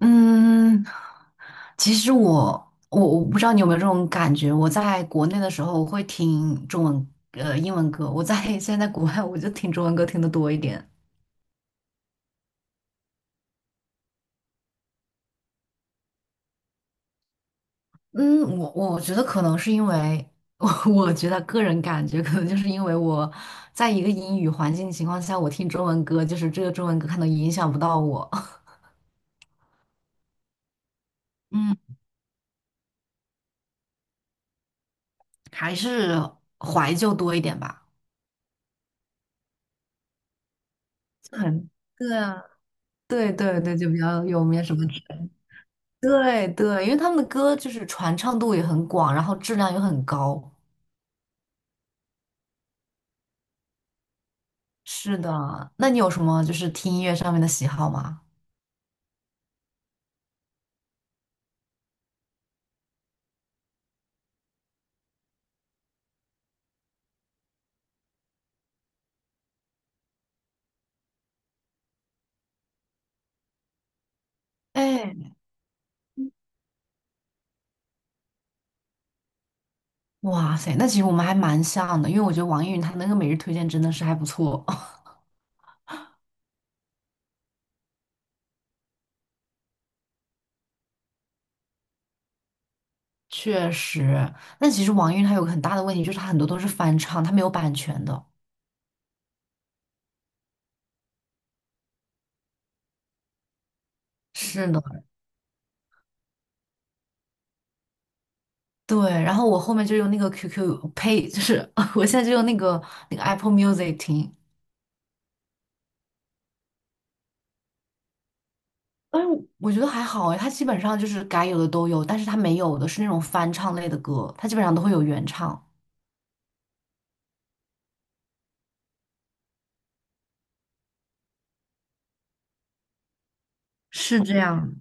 嗯，其实我不知道你有没有这种感觉，我在国内的时候我会听英文歌，现在在国外我就听中文歌听的多一点。嗯，我觉得可能是因为 我我觉得个人感觉可能就是因为我在一个英语环境情况下，我听中文歌，就是这个中文歌可能影响不到我。嗯，还是怀旧多一点吧。很，对啊，对对对，就比较有没有什么。对对，因为他们的歌就是传唱度也很广，然后质量又很高。是的，那你有什么就是听音乐上面的喜好吗？哎，哇塞，那其实我们还蛮像的，因为我觉得网易云它那个每日推荐真的是还不错。确实，但其实网易云它有个很大的问题，就是它很多都是翻唱，它没有版权的。是的，对。然后我后面就用那个 QQ Pay，就是 我现在就用那个 Apple Music 听。哎，我觉得还好哎，他基本上就是该有的都有，但是他没有的是那种翻唱类的歌，他基本上都会有原唱。是这样。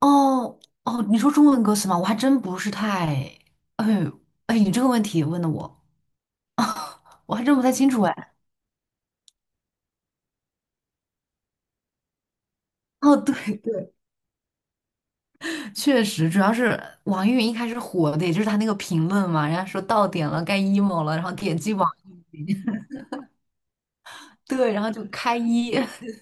哦哦，你说中文歌词吗？我还真不是太……哎哎，你这个问题问的我，我还真不太清楚哎。哦，对对，确实，主要是网易云一开始火的，也就是他那个评论嘛，人家说到点了，该 emo 了，然后点击网易云，对，然后就开一。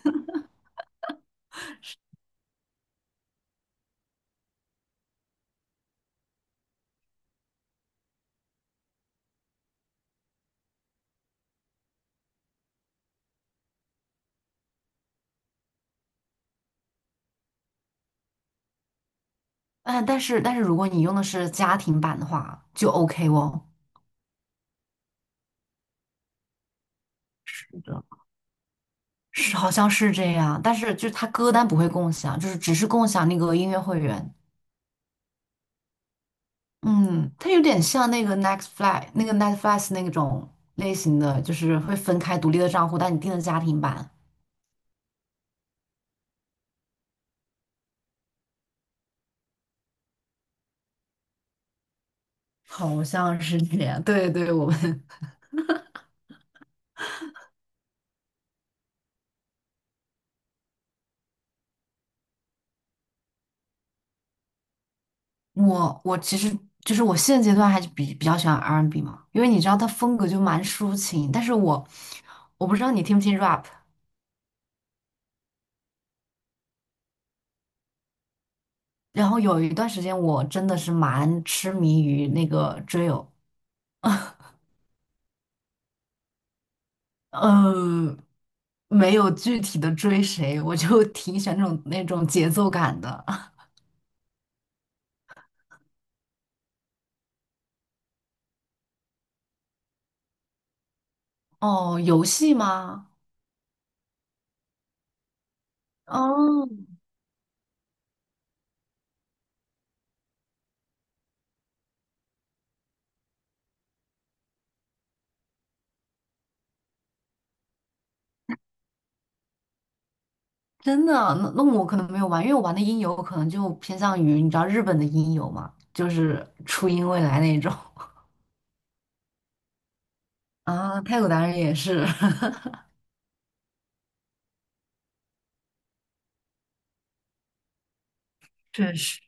嗯，但是如果你用的是家庭版的话，就 OK 哦。是的。是好像是这样，但是就是它歌单不会共享，就是只是共享那个音乐会员。嗯，它有点像那个 n e x t f l y 那个 Netflix 那种类型的，就是会分开独立的账户，但你订的家庭版，好像是这样。对对，我们 我其实就是我现阶段还是比较喜欢 R&B n 嘛，因为你知道它风格就蛮抒情，但是我不知道你听不听 rap，然后有一段时间我真的是蛮痴迷于那个 drill。嗯，没有具体的追谁，我就 挺喜欢这种那种节奏感的。哦，游戏吗？哦，真的啊，那我可能没有玩，因为我玩的音游可能就偏向于你知道日本的音游嘛，就是初音未来那种 啊，太鼓达人也是，确实。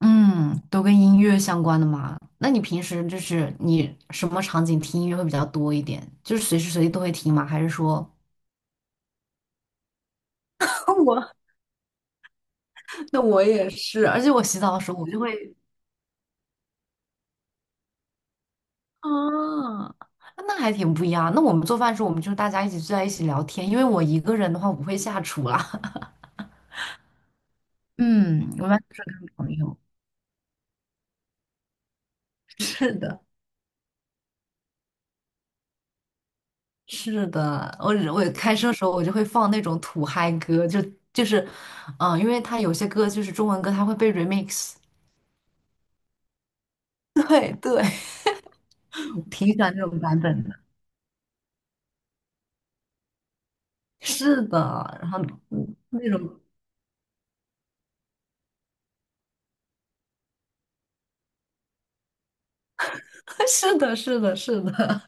嗯，都跟音乐相关的嘛。那你平时就是你什么场景听音乐会比较多一点？就是随时随地都会听吗？还是说？我？那我也是，而且我洗澡的时候我就会啊，那还挺不一样。那我们做饭的时候，我们就是大家一起坐在一起聊天，因为我一个人的话我不会下厨啦。嗯，我一般就是跟朋友。是的，是的，我开车的时候我就会放那种土嗨歌，就是，因为它有些歌就是中文歌，它会被 remix。对对，挺喜欢这种版本的。是的，然后那种 是的，是的，是的。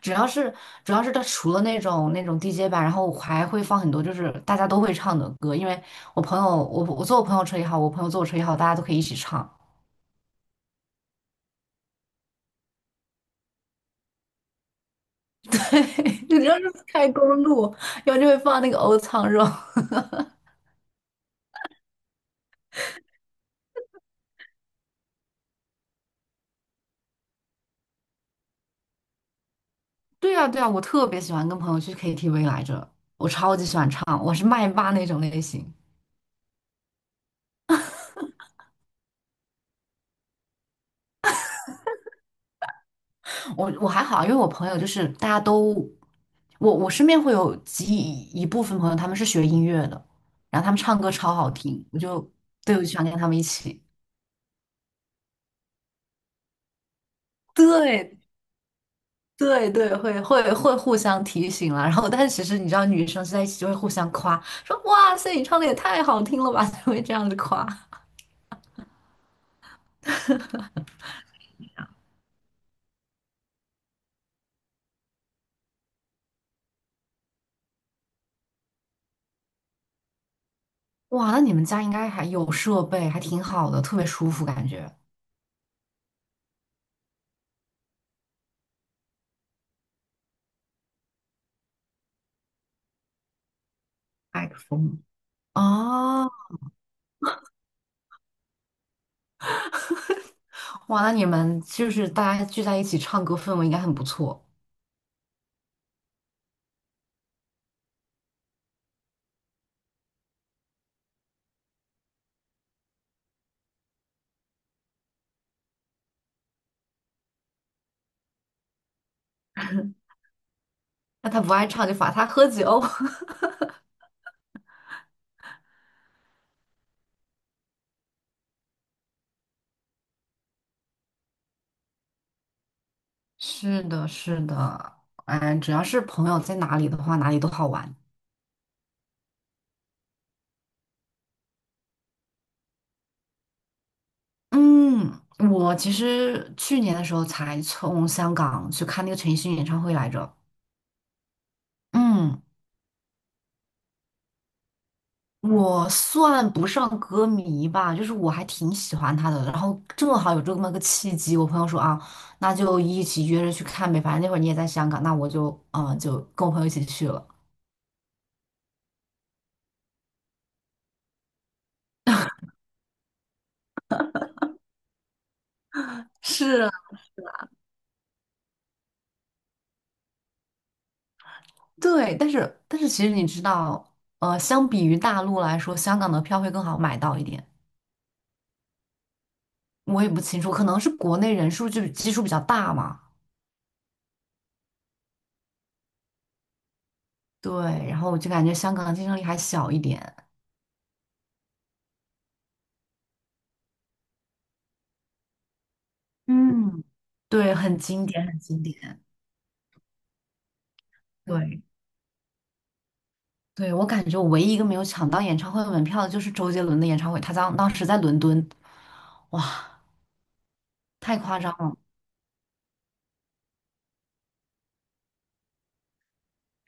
主要是主要是它除了那种那种 DJ 版，然后我还会放很多就是大家都会唱的歌，因为我朋友我坐我朋友车也好，我朋友坐我车也好，大家都可以一起唱。对，你要是开公路，然后就会放那个欧唱肉。对啊对啊，我特别喜欢跟朋友去 KTV 来着，我超级喜欢唱，我是麦霸那种类型。我还好，因为我朋友就是大家都，我身边会有一部分朋友，他们是学音乐的，然后他们唱歌超好听，我就对我就想跟他们一起。对对对，会互相提醒啦。然后，但是其实你知道，女生在一起就会互相夸，说哇塞，你唱的也太好听了吧，就会这样子夸。哇，那你们家应该还有设备，还挺好的，特别舒服感觉。麦克风。哦，哇，那你们就是大家聚在一起唱歌，氛围应该很不错。那他不爱唱就罚他喝酒。是的，是的，哎，只要是朋友在哪里的话，哪里都好玩。嗯，我其实去年的时候才从香港去看那个陈奕迅演唱会来着。嗯，我算不上歌迷吧，就是我还挺喜欢他的。然后正好有这么个契机，我朋友说啊，那就一起约着去看呗，反正那会儿你也在香港，那我就就跟我朋友一起去了。是对，但是其实你知道，相比于大陆来说，香港的票会更好买到一点。我也不清楚，可能是国内人数就基数比较大嘛。对，然后我就感觉香港的竞争力还小一点。嗯，对，很经典，很经典。对，对，我感觉我唯一一个没有抢到演唱会门票的就是周杰伦的演唱会，他当时在伦敦，哇，太夸张了。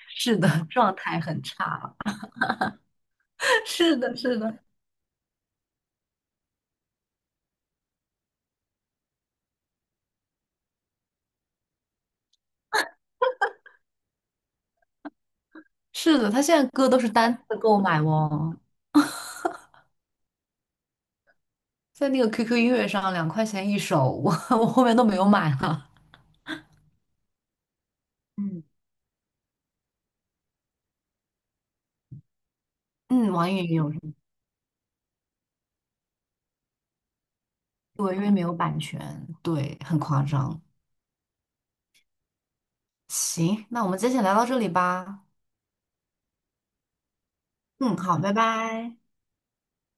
是的，状态很差。是的，是的，是的，他现在歌都是单次购买哦。在那个 QQ 音乐上两块钱一首，我 我后面都没有买了。嗯，嗯，网易云有什么？对，因为没有版权，对，很夸张。行，那我们今天先聊到这里吧。嗯，好，拜拜。